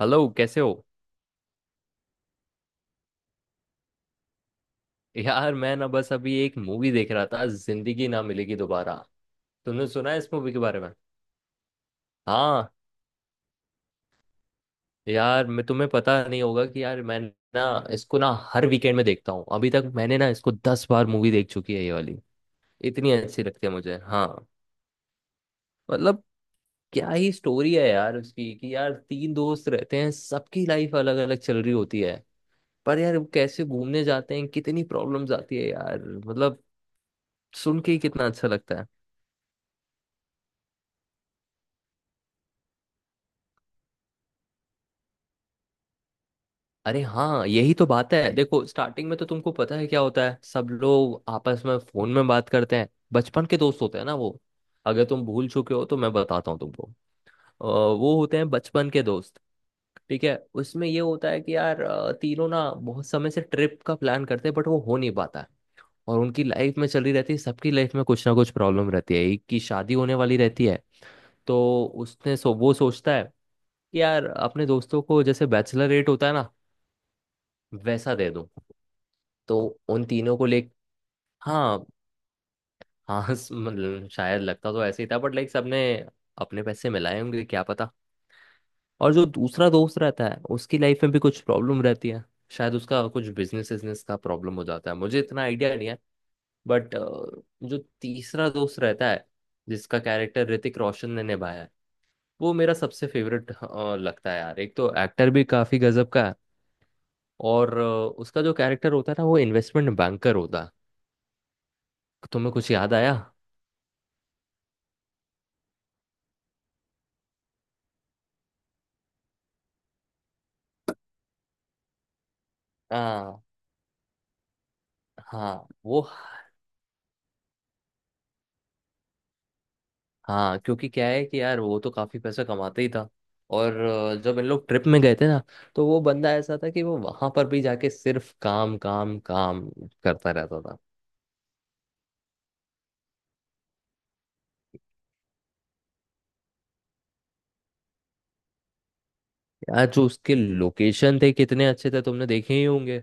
Hello, कैसे हो। यार मैं ना बस अभी एक मूवी देख रहा था, जिंदगी ना मिलेगी दोबारा। तुमने सुना है इस मूवी के बारे में? हाँ, यार मैं तुम्हें पता नहीं होगा कि यार मैं ना इसको ना हर वीकेंड में देखता हूँ। अभी तक मैंने ना इसको 10 बार मूवी देख चुकी है ये वाली। इतनी अच्छी लगती है मुझे। हाँ। मतलब क्या ही स्टोरी है यार उसकी कि यार तीन दोस्त रहते हैं, सबकी लाइफ अलग अलग चल रही होती है। पर यार वो कैसे घूमने जाते हैं, कितनी प्रॉब्लम्स आती है यार, मतलब सुन के ही कितना अच्छा लगता है। अरे हाँ, यही तो बात है। देखो स्टार्टिंग में तो तुमको पता है क्या होता है, सब लोग आपस में फोन में बात करते हैं, बचपन के दोस्त होते हैं ना वो। अगर तुम भूल चुके हो तो मैं बताता हूँ तुमको। वो होते हैं बचपन के दोस्त। ठीक है। उसमें ये होता है कि यार तीनों ना बहुत समय से ट्रिप का प्लान करते हैं बट वो हो नहीं पाता है। और उनकी लाइफ में चली रहती है, सबकी लाइफ में कुछ ना कुछ प्रॉब्लम रहती है, एक की शादी होने वाली रहती है। तो वो सोचता है कि यार अपने दोस्तों को जैसे बैचलर रेट होता है ना, वैसा दे दूं। तो उन तीनों को ले। हाँ। मतलब शायद लगता तो ऐसे ही था बट लाइक सबने अपने पैसे मिलाए होंगे, क्या पता। और जो दूसरा दोस्त रहता है उसकी लाइफ में भी कुछ प्रॉब्लम रहती है, शायद उसका कुछ बिजनेस बिजनेस का प्रॉब्लम हो जाता है, मुझे इतना आइडिया नहीं है। बट जो तीसरा दोस्त रहता है, जिसका कैरेक्टर ऋतिक रोशन ने निभाया है, वो मेरा सबसे फेवरेट लगता है यार। एक तो एक्टर भी काफी गजब का है। और उसका जो कैरेक्टर होता है ना वो इन्वेस्टमेंट बैंकर होता है। तुम्हें कुछ याद आया? हाँ। हाँ वो। हाँ क्योंकि क्या है कि यार वो तो काफी पैसा कमाते ही था। और जब इन लोग ट्रिप में गए थे ना, तो वो बंदा ऐसा था कि वो वहां पर भी जाके सिर्फ काम काम काम करता रहता था। यार जो उसके लोकेशन थे कितने अच्छे थे, तुमने देखे ही होंगे।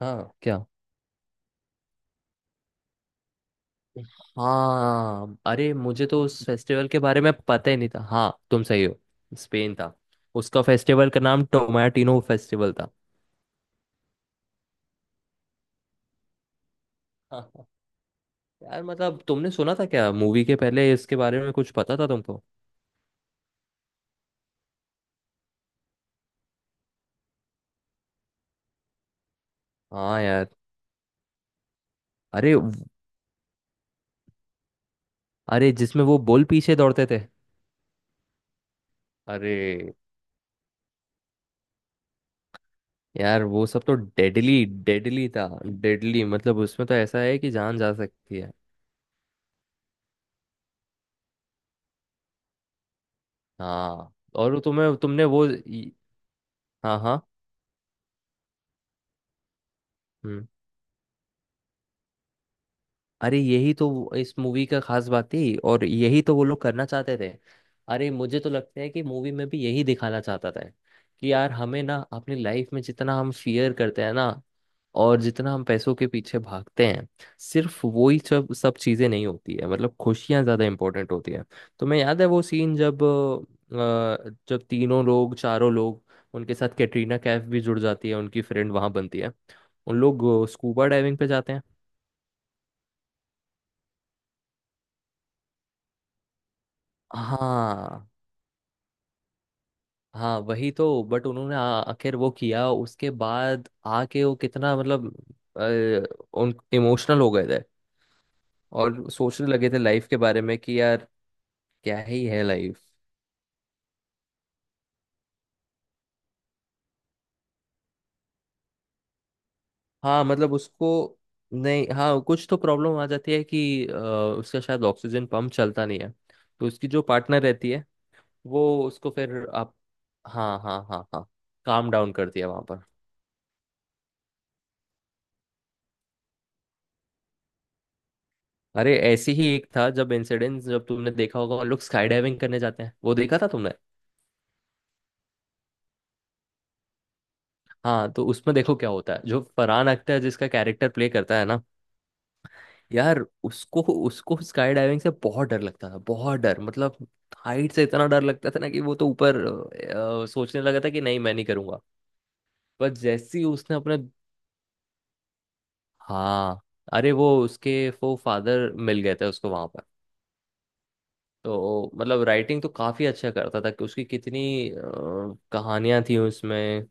हाँ क्या। हाँ अरे, मुझे तो उस फेस्टिवल के बारे में पता ही नहीं था। हाँ, तुम सही हो। स्पेन था। उसका फेस्टिवल का नाम टोमाटिनो फेस्टिवल था। यार मतलब तुमने सुना था क्या, मूवी के पहले इसके बारे में कुछ पता था तुमको? हाँ यार। अरे व- अरे जिसमें वो बोल पीछे दौड़ते थे। अरे यार वो सब तो डेडली डेडली था। डेडली मतलब उसमें तो ऐसा है कि जान जा सकती है। हाँ। और वो तुम्हें तुमने वो इ- हाँ हाँ। हम्म। अरे इस मूवी का खास बात थी और यही तो वो लोग करना चाहते थे। अरे मुझे तो लगता है कि मूवी में भी यही दिखाना चाहता था कि यार हमें ना अपनी लाइफ में जितना हम फियर करते हैं ना और जितना हम पैसों के पीछे भागते हैं, सिर्फ वो ही सब सब चीज़ें नहीं होती है। मतलब खुशियाँ ज़्यादा इंपॉर्टेंट होती है। तो मैं, याद है वो सीन, जब जब तीनों लोग, चारों लोग, उनके साथ कैटरीना कैफ भी जुड़ जाती है, उनकी फ्रेंड वहां बनती है, उन लोग स्कूबा डाइविंग पे जाते हैं। हाँ हाँ वही तो। आखिर वो किया उसके बाद आके वो कितना मतलब अ, उन इमोशनल हो गए थे। और सोचने लगे थे लाइफ के बारे में कि यार क्या ही है लाइफ। हाँ मतलब उसको, नहीं, हाँ कुछ तो प्रॉब्लम आ जाती है कि उसका शायद ऑक्सीजन पंप चलता नहीं है। तो उसकी जो पार्टनर रहती है वो उसको फिर आप, हाँ हाँ हाँ हाँ, काम डाउन करती है वहां पर। अरे ऐसी ही एक था जब इंसिडेंट, जब तुमने देखा होगा वो लोग स्काई डाइविंग करने जाते हैं, वो देखा था तुमने? हाँ, तो उसमें देखो क्या होता है, जो फरहान अख्तर जिसका कैरेक्टर प्ले करता है ना, यार उसको उसको स्काई डाइविंग से बहुत डर लगता था, बहुत डर मतलब। हाइट से इतना डर लगता था ना कि वो तो ऊपर सोचने लगा था कि नहीं मैं नहीं करूंगा। पर जैसे ही उसने अपने हाँ अरे वो उसके वो फादर मिल गए थे उसको वहां पर। तो मतलब राइटिंग तो काफी अच्छा करता था, कि उसकी कितनी कहानियां थी उसमें।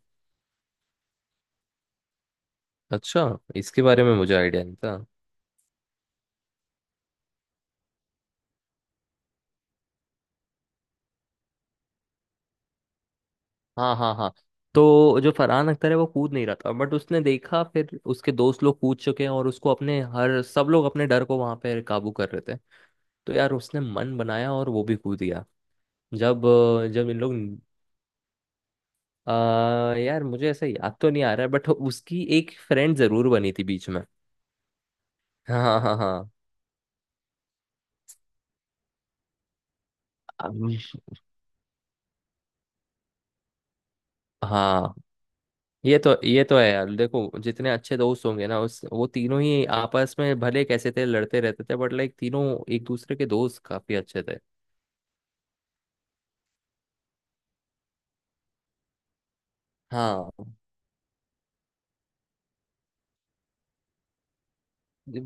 अच्छा, इसके बारे में मुझे आइडिया नहीं था। हाँ हाँ हाँ। तो जो फरहान अख्तर है वो कूद नहीं रहा था, बट उसने देखा फिर उसके दोस्त लोग कूद चुके हैं और उसको अपने हर, सब लोग अपने डर को वहां पे काबू कर रहे थे। तो यार उसने मन बनाया और वो भी कूद गया। जब अ, जब इन लोग आ, यार मुझे ऐसा याद तो नहीं आ रहा है बट उसकी एक फ्रेंड जरूर बनी थी बीच में। हाँ हाँ हाँ। अम्म, हाँ ये तो है यार, देखो जितने अच्छे दोस्त होंगे ना उस वो तीनों ही आपस में भले कैसे थे, लड़ते रहते थे बट लाइक तीनों एक दूसरे के दोस्त काफी अच्छे थे। हाँ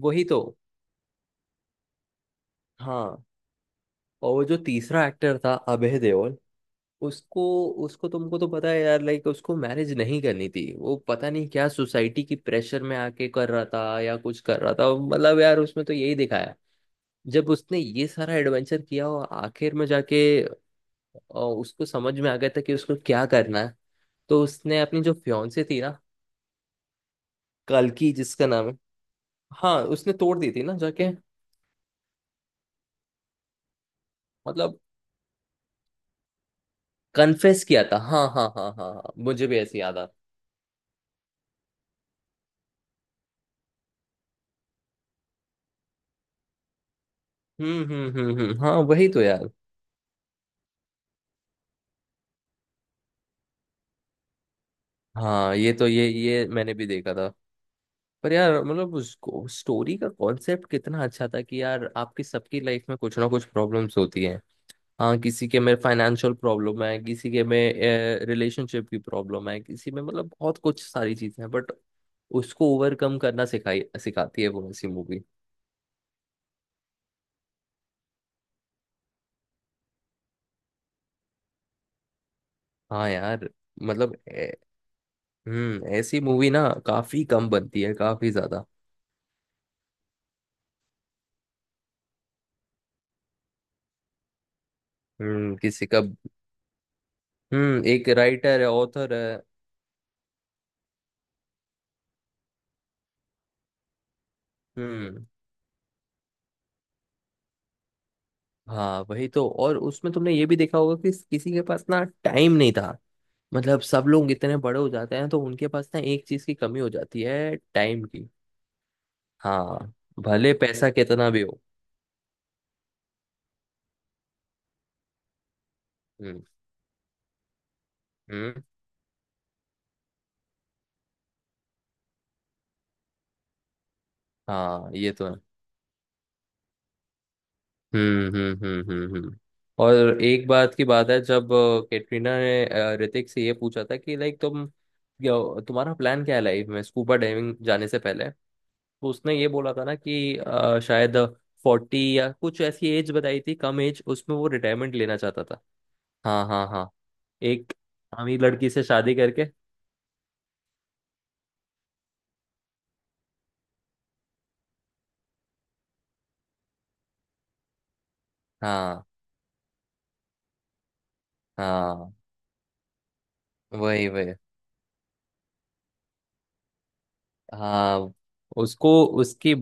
वही तो। हाँ और वो जो तीसरा एक्टर था, अभय देओल, उसको उसको तुमको तो पता है यार, लाइक उसको मैरिज नहीं करनी थी, वो पता नहीं क्या सोसाइटी की प्रेशर में आके कर रहा था या कुछ कर रहा था, मतलब यार उसमें तो यही दिखाया। जब उसने ये सारा एडवेंचर किया और आखिर में जाके उसको समझ में आ गया था कि उसको क्या करना है। तो उसने अपनी जो फ्योंसे थी ना, कल्कि जिसका नाम है, हाँ, उसने तोड़ दी थी ना जाके। मतलब कन्फेस किया था। हाँ हाँ हाँ हाँ हाँ, मुझे भी ऐसे याद आ, हम्म, हाँ वही तो यार। हाँ ये तो ये मैंने भी देखा था। पर यार मतलब उसको स्टोरी का कॉन्सेप्ट कितना अच्छा था कि यार आपकी सबकी लाइफ में कुछ ना कुछ प्रॉब्लम्स होती हैं। हाँ, किसी के में फाइनेंशियल प्रॉब्लम है, किसी के में रिलेशनशिप की प्रॉब्लम है, किसी में, मतलब बहुत कुछ सारी चीजें हैं। बट उसको ओवरकम करना सिखाई, सिखाती है वो ऐसी मूवी। हाँ यार। मतलब ए- हम्म, ऐसी मूवी ना काफी कम बनती है, काफी ज्यादा। हम्म। किसी का, हम्म, एक राइटर है, ऑथर है। हम्म, हाँ वही तो। और उसमें तुमने ये भी देखा होगा कि किसी के पास ना टाइम नहीं था। मतलब सब लोग इतने बड़े हो जाते हैं तो उनके पास ना एक चीज की कमी हो जाती है, टाइम की। हाँ, भले पैसा कितना भी हो। हम्म हम्म। हाँ ये तो है। हम्म। और एक बात की बात है, जब कैटरीना ने ऋतिक से ये पूछा था कि लाइक तुम्हारा प्लान क्या है लाइफ में, स्कूबा डाइविंग जाने से पहले। तो उसने ये बोला था ना कि शायद 40 या कुछ ऐसी एज बताई थी, कम एज उसमें, वो रिटायरमेंट लेना चाहता था। हाँ हाँ हाँ। एक अमीर लड़की से शादी करके। हाँ हाँ, वही वही। हाँ, उसको उसकी,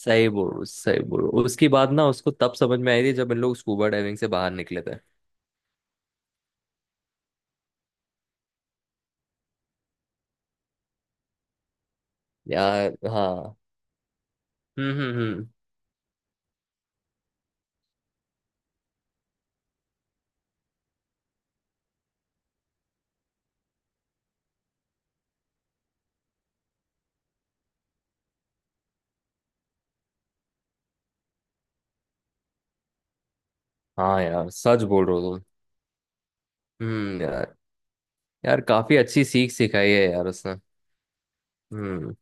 सही बोल सही बोल, उसकी बात ना उसको तब समझ में आई थी जब इन लोग स्कूबा डाइविंग से बाहर निकले थे। यार हाँ। हम्म। हाँ यार, सच बोल रहे हो तुम। यार, यार काफी अच्छी सीख सिखाई है यार उसने। हम्म।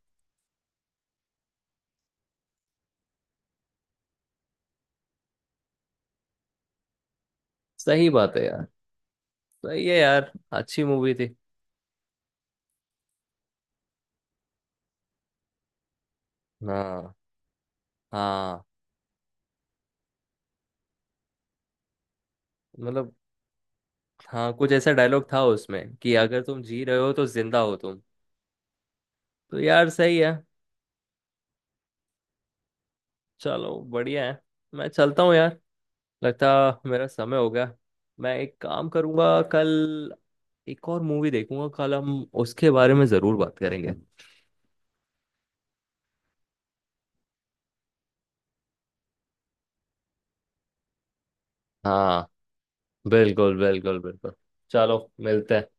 सही बात है यार। सही है यार, अच्छी मूवी थी। हाँ। हाँ मतलब, हाँ कुछ ऐसा डायलॉग था उसमें कि अगर तुम जी रहे हो तो जिंदा हो तुम। तो यार सही है। चलो, बढ़िया है। मैं चलता हूँ यार। लगता, मेरा समय हो गया। मैं एक काम करूँगा कल, एक और मूवी देखूंगा कल, हम उसके बारे में ज़रूर बात करेंगे। हाँ, बिल्कुल बिल्कुल बिल्कुल। चलो, मिलते हैं।